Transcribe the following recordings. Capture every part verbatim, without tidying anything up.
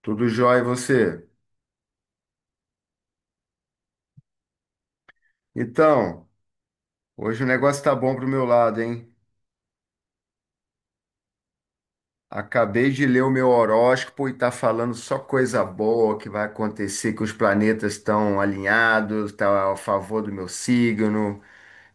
Tudo jóia e você? Então, hoje o negócio tá bom pro meu lado, hein? Acabei de ler o meu horóscopo e tá falando só coisa boa que vai acontecer, que os planetas estão alinhados, tá a favor do meu signo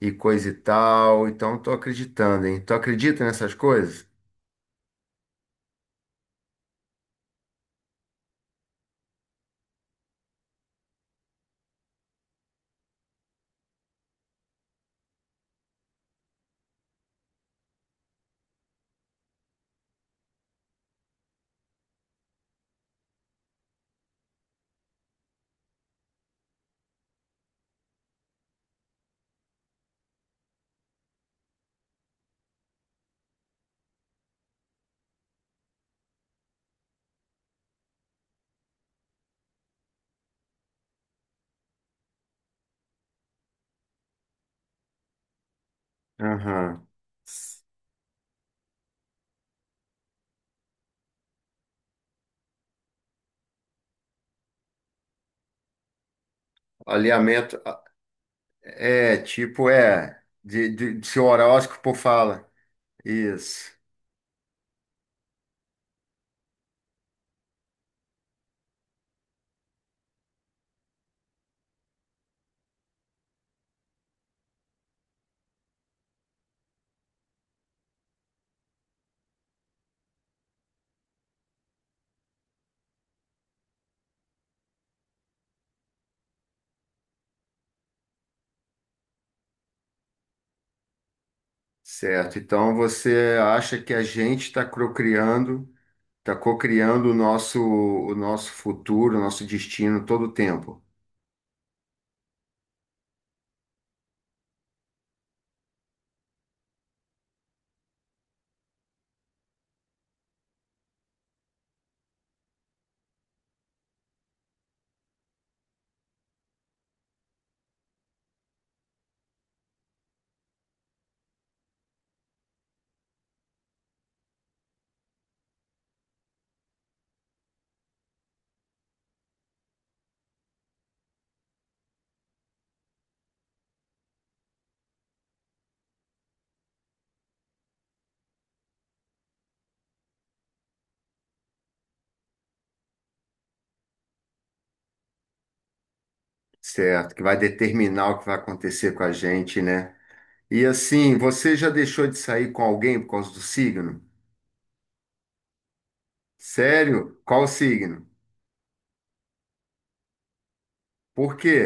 e coisa e tal. Então, tô acreditando, hein? Tu acredita nessas coisas? Aham. Alinhamento ah, é tipo, é, de, de, de seu horóscopo fala. Isso. Certo. Então, você acha que a gente está procriando. Está cocriando o nosso, o nosso futuro, o nosso destino todo o tempo, certo? Que vai determinar o que vai acontecer com a gente, né? E assim, você já deixou de sair com alguém por causa do signo? Sério? Qual o signo? Por quê?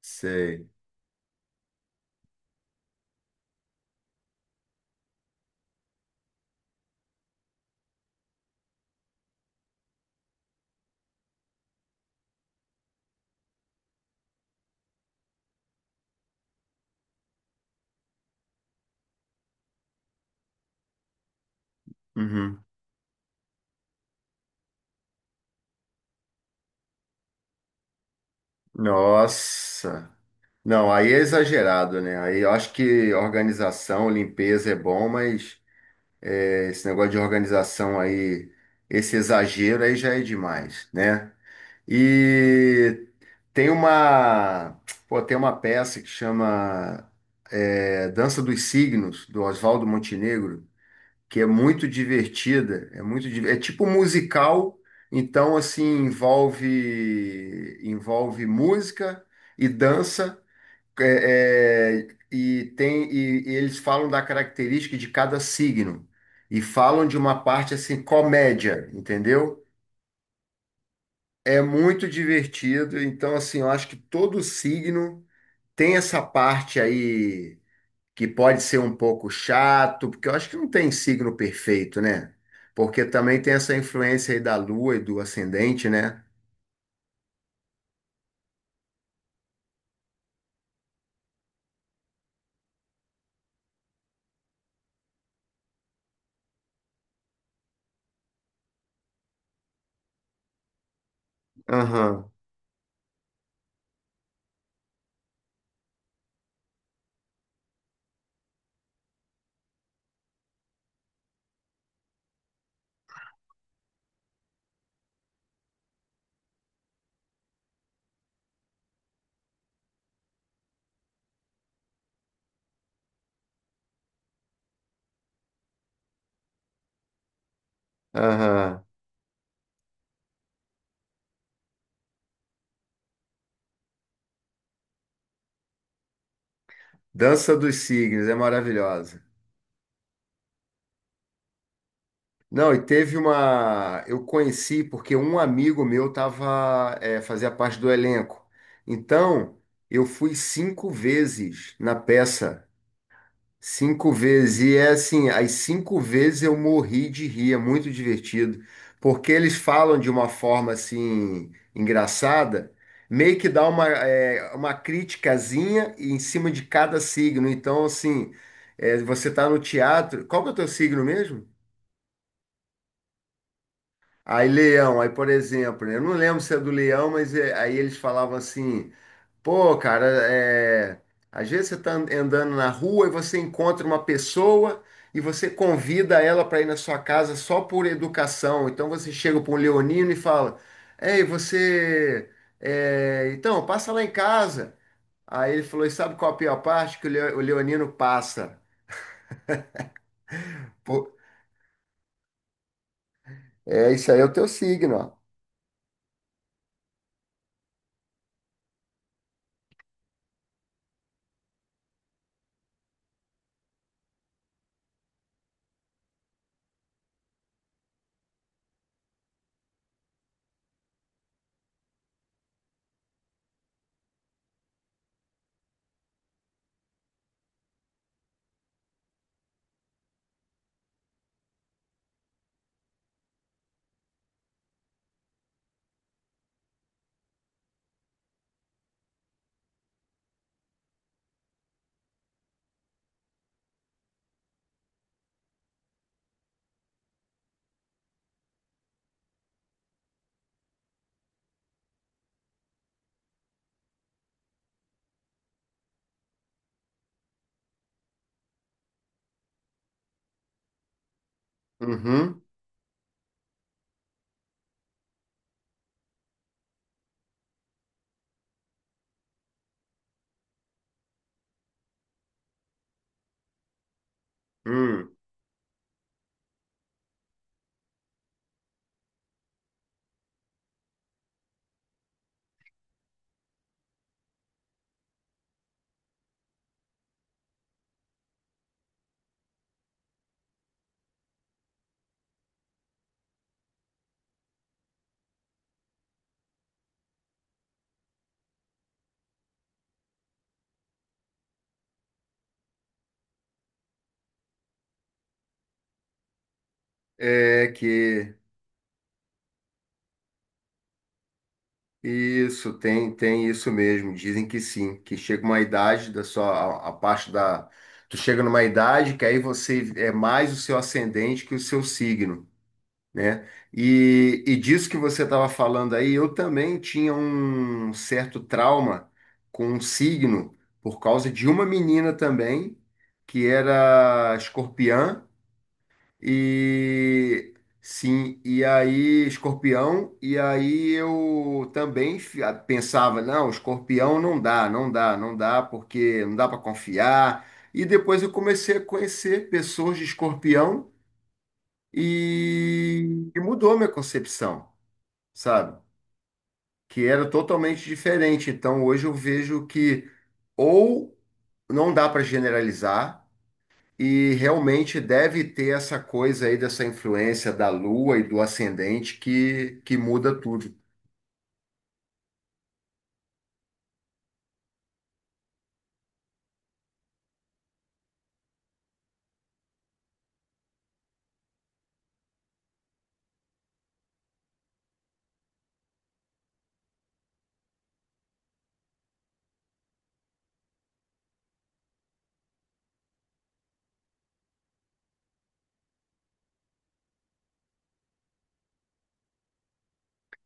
Sei. Uhum. Nossa. Não, aí é exagerado, né? Aí eu acho que organização, limpeza é bom, mas é, esse negócio de organização aí, esse exagero aí já é demais, né? E tem uma, pô, tem uma peça que chama é, Dança dos Signos, do Oswaldo Montenegro, que é muito divertida, é muito, di- é tipo musical, então assim envolve envolve música e dança é, é, e tem e, e eles falam da característica de cada signo e falam de uma parte assim comédia, entendeu? É muito divertido, então assim, eu acho que todo signo tem essa parte aí que pode ser um pouco chato, porque eu acho que não tem signo perfeito, né? Porque também tem essa influência aí da lua e do ascendente, né? Aham, aham. Dança dos signos é maravilhosa. Não, e teve uma. Eu conheci porque um amigo meu tava, é, fazia parte do elenco. Então, eu fui cinco vezes na peça. Cinco vezes. E é assim, as cinco vezes eu morri de rir, é muito divertido. Porque eles falam de uma forma assim, engraçada, meio que dá uma, é, uma criticazinha em cima de cada signo. Então, assim, é, você tá no teatro. Qual que é o teu signo mesmo? Aí, leão, aí, por exemplo, né, eu não lembro se é do leão, mas é- aí eles falavam assim. Pô, cara, é... às vezes você tá and- andando na rua e você encontra uma pessoa e você convida ela para ir na sua casa só por educação. Então você chega para um leonino e fala: Ei, você. É, então, passa lá em casa. Aí ele falou: E sabe qual a pior parte? Que o leo- o leonino passa. Pô, é, isso aí é o teu signo, ó. Uhum. Hum. É que. Isso, tem, tem isso mesmo. Dizem que sim, que chega uma idade da sua, a, a parte da, tu chega numa idade que aí você é mais o seu ascendente que o seu signo, né? E, e disso que você estava falando aí, eu também tinha um certo trauma com um signo por causa de uma menina também que era escorpiã. E sim, e aí Escorpião, e aí eu também fi- ah, pensava, não, Escorpião não dá, não dá, não dá, porque não dá para confiar. E depois eu comecei a conhecer pessoas de Escorpião e, e mudou minha concepção, sabe? Que era totalmente diferente. Então hoje eu vejo que ou não dá para generalizar. E realmente deve ter essa coisa aí dessa influência da lua e do ascendente que, que muda tudo.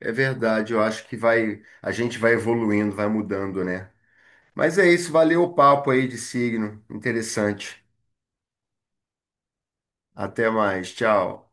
É verdade, eu acho que vai, a gente vai evoluindo, vai mudando, né? Mas é isso, valeu o papo aí de signo. Interessante. Até mais, tchau.